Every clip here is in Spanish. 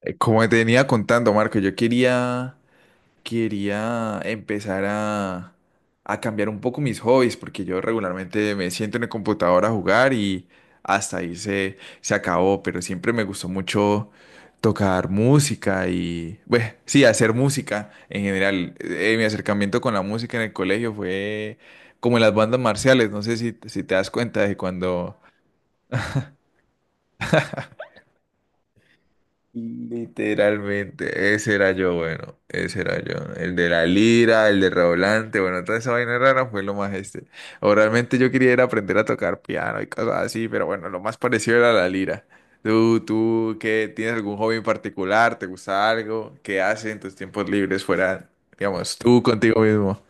Como te venía contando, Marco, yo quería empezar a cambiar un poco mis hobbies, porque yo regularmente me siento en el computador a jugar y hasta ahí se acabó, pero siempre me gustó mucho tocar música y, bueno, sí, hacer música en general. Mi acercamiento con la música en el colegio fue como en las bandas marciales, no sé si te das cuenta de cuando. Literalmente, ese era yo, bueno, ese era yo. El de la lira, el de redoblante, bueno, toda esa vaina rara fue lo más este. O realmente yo quería era aprender a tocar piano y cosas así, pero bueno, lo más parecido era la lira. ¿Tú qué tienes algún hobby en particular? ¿Te gusta algo? ¿Qué haces en tus tiempos libres fuera, digamos, tú contigo mismo?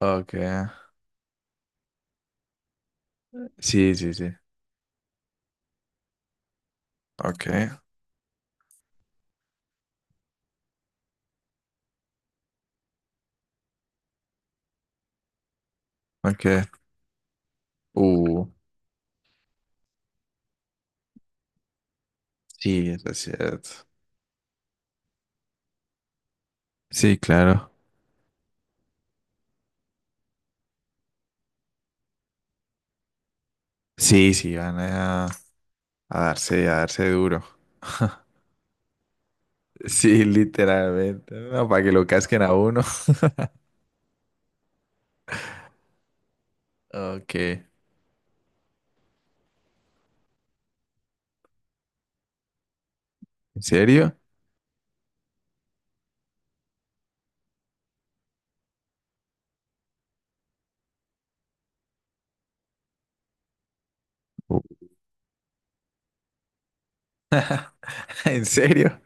Ok, sí, sí, sí. Ok, ok. Uh, sí, eso es cierto. Sí, claro. Sí, sí, van a... a darse duro. Sí, literalmente. No, para que lo casquen a uno. Ok. ¿En serio? Uh. ¿En serio?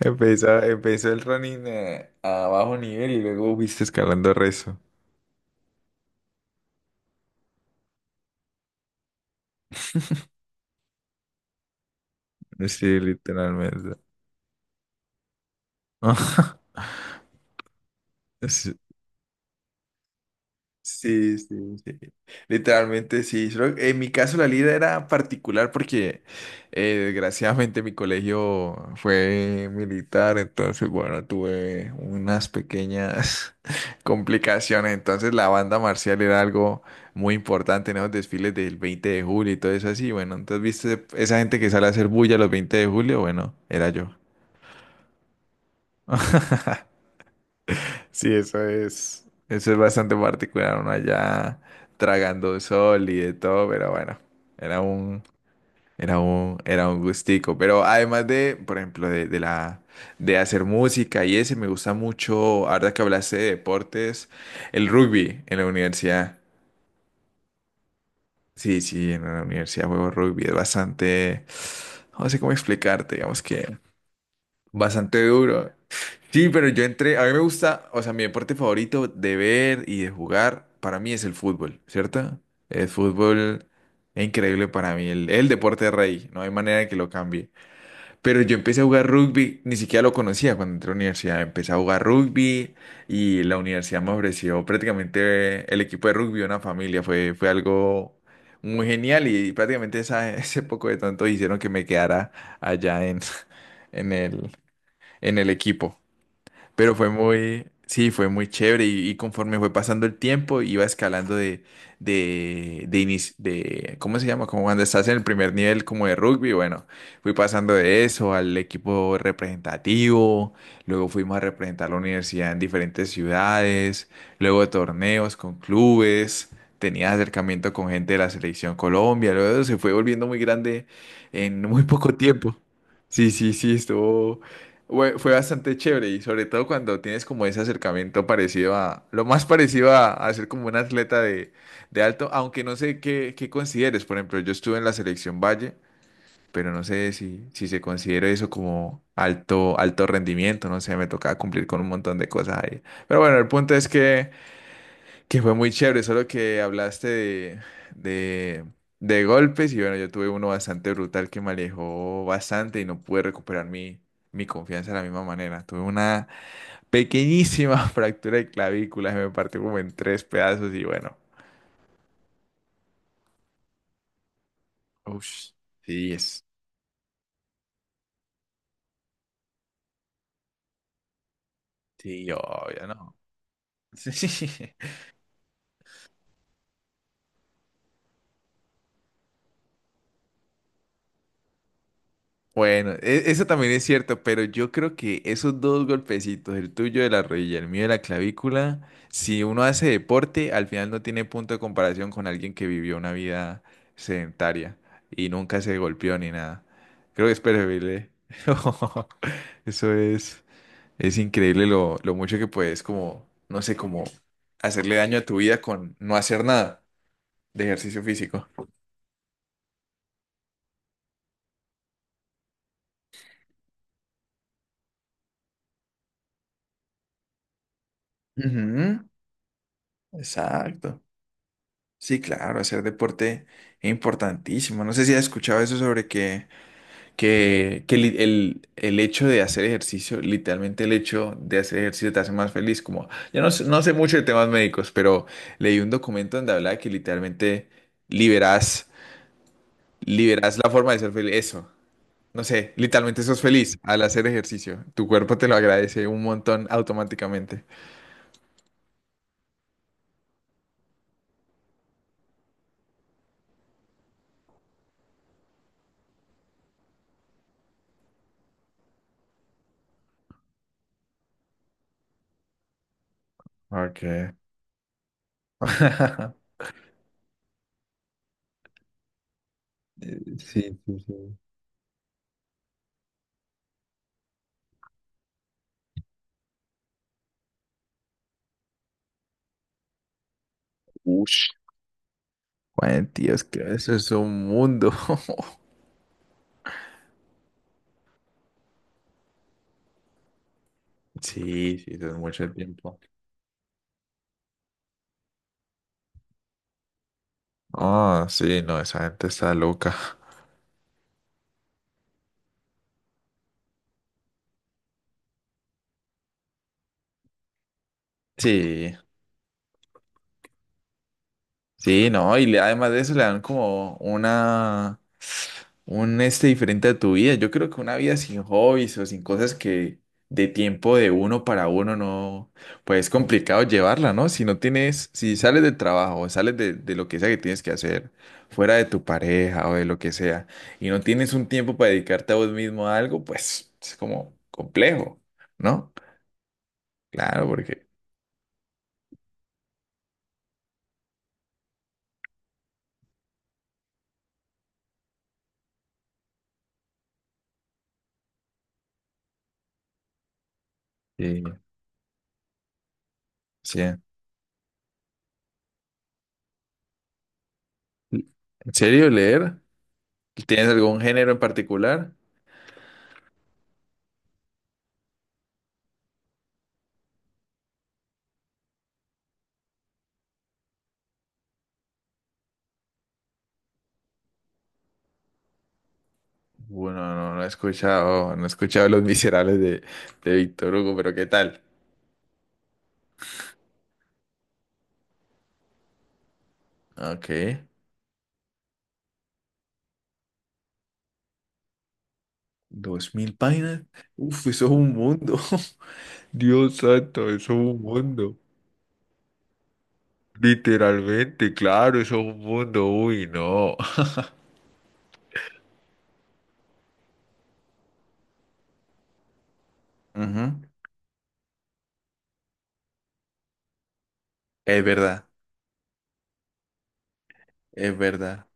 Empezó el running a bajo nivel y luego viste escalando rezo. Sí, literalmente. Sí. Sí, sí, sí. Literalmente sí. Solo en mi caso la lira era particular porque desgraciadamente mi colegio fue militar, entonces bueno, tuve unas pequeñas complicaciones. Entonces la banda marcial era algo muy importante en esos desfiles del 20 de julio y todo eso así. Bueno, entonces viste esa gente que sale a hacer bulla los 20 de julio, bueno, era yo. Sí, eso es bastante particular, uno allá tragando sol y de todo, pero bueno, era un, era un gustico. Pero además de, por ejemplo, de la, de hacer música y ese, me gusta mucho, ahora que hablaste de deportes, el rugby en la universidad. Sí, sí, en la universidad juego rugby, es bastante, no sé cómo explicarte, digamos que bastante duro. Sí, pero yo entré, a mí me gusta, o sea, mi deporte favorito de ver y de jugar para mí es el fútbol, ¿cierto? El fútbol es increíble para mí, el deporte rey, no hay manera de que lo cambie. Pero yo empecé a jugar rugby, ni siquiera lo conocía cuando entré a la universidad, empecé a jugar rugby y la universidad me ofreció prácticamente el equipo de rugby, una familia, fue, fue algo muy genial y prácticamente ese poco de tonto hicieron que me quedara allá en el, en el equipo. Pero fue muy, sí, fue muy chévere y conforme fue pasando el tiempo iba escalando de, ¿cómo se llama? Como cuando estás en el primer nivel como de rugby, bueno, fui pasando de eso al equipo representativo, luego fuimos a representar la universidad en diferentes ciudades, luego torneos con clubes. Tenía acercamiento con gente de la selección Colombia, luego se fue volviendo muy grande en muy poco tiempo. Sí, sí, sí, estuvo, fue bastante chévere y sobre todo cuando tienes como ese acercamiento parecido a, lo más parecido a ser como un atleta de alto, aunque no sé qué, qué consideres. Por ejemplo, yo estuve en la selección Valle, pero no sé si, si se considera eso como alto, alto rendimiento, no sé, me tocaba cumplir con un montón de cosas ahí. Pero bueno, el punto es que fue muy chévere, solo que hablaste de, de golpes y bueno, yo tuve uno bastante brutal que me alejó bastante y no pude recuperar mi confianza de la misma manera. Tuve una pequeñísima fractura de clavícula, se me partió como en tres pedazos y bueno, uff, sí, sí, obvio, ¿no? Sí. Bueno, eso también es cierto, pero yo creo que esos dos golpecitos, el tuyo de la rodilla, el mío de la clavícula, si uno hace deporte, al final no tiene punto de comparación con alguien que vivió una vida sedentaria y nunca se golpeó ni nada. Creo que es preferible. Eso es increíble lo mucho que puedes como, no sé, como hacerle daño a tu vida con no hacer nada de ejercicio físico. Ujú, exacto. Sí, claro, hacer deporte es importantísimo. No sé si has escuchado eso sobre el hecho de hacer ejercicio, literalmente el hecho de hacer ejercicio te hace más feliz. Como, yo no, no sé mucho de temas médicos, pero leí un documento donde hablaba que literalmente liberas, liberas la forma de ser feliz. Eso, no sé, literalmente sos feliz al hacer ejercicio. Tu cuerpo te lo agradece un montón automáticamente. Ok. Sí, sí, sí. Ush. Bueno, Dios, que eso es un mundo. Sí, sí, eso es mucho tiempo. Ah, sí, no, esa gente está loca. Sí, sí, no, y además de eso le dan como una. Un este diferente a tu vida. Yo creo que una vida sin hobbies o sin cosas que de tiempo de uno para uno no, pues es complicado llevarla, ¿no? Si no tienes, si sales del trabajo, sales de lo que sea que tienes que hacer, fuera de tu pareja o de lo que sea, y no tienes un tiempo para dedicarte a vos mismo a algo, pues es como complejo, ¿no? Claro, porque sí, sí. ¿En serio leer? ¿Tienes algún género en particular? Bueno, no, no he escuchado, no he escuchado Los Miserables de Víctor Hugo, pero ¿qué tal? Ok, 2.000 páginas. Uf, eso es un mundo. Dios santo, eso es un mundo. Literalmente, claro, eso es un mundo. Uy, no. Ujú. Es verdad, es verdad.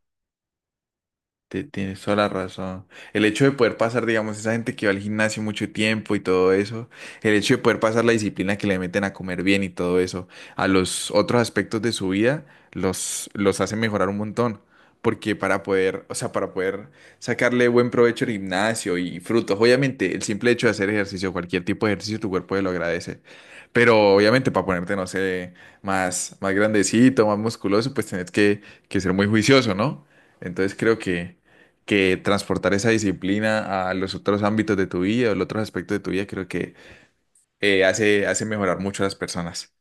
Tienes toda la razón. El hecho de poder pasar, digamos, esa gente que va al gimnasio mucho tiempo y todo eso, el hecho de poder pasar la disciplina que le meten a comer bien y todo eso, a los otros aspectos de su vida, los hace mejorar un montón. Porque para poder, o sea, para poder sacarle buen provecho al gimnasio y frutos, obviamente, el simple hecho de hacer ejercicio, cualquier tipo de ejercicio, tu cuerpo te lo agradece. Pero obviamente para ponerte, no sé, más grandecito, más musculoso, pues tenés que ser muy juicioso, ¿no? Entonces creo que transportar esa disciplina a los otros ámbitos de tu vida o los otros aspectos de tu vida, creo que hace mejorar mucho a las personas.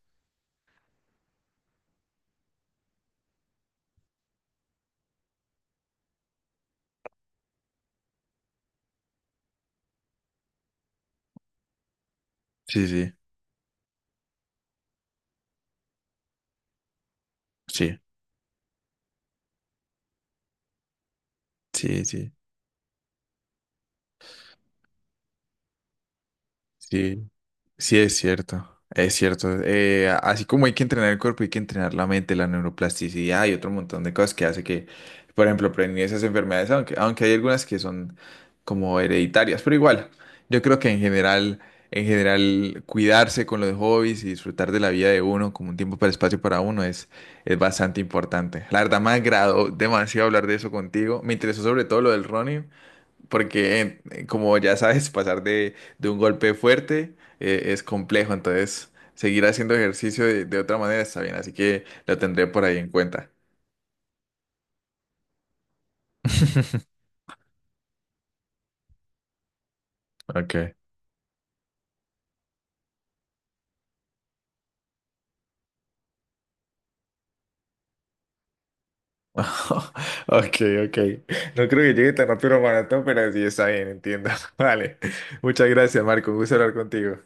Sí, sí, sí, sí, sí, sí. Sí, es cierto, es cierto. Así como hay que entrenar el cuerpo, hay que entrenar la mente, la neuroplasticidad y otro montón de cosas que hace que, por ejemplo, prevenir esas enfermedades, aunque hay algunas que son como hereditarias, pero igual, yo creo que en general, cuidarse con los hobbies y disfrutar de la vida de uno como un tiempo para espacio para uno es bastante importante. La verdad, me agradó demasiado hablar de eso contigo. Me interesó sobre todo lo del running porque como ya sabes, pasar de un golpe fuerte es complejo, entonces seguir haciendo ejercicio de otra manera está bien, así que lo tendré por ahí en cuenta. Ok. Ok, ok. No creo que llegue tan rápido al maratón, pero sí está bien, entiendo. Vale. Muchas gracias, Marco. Un gusto hablar contigo.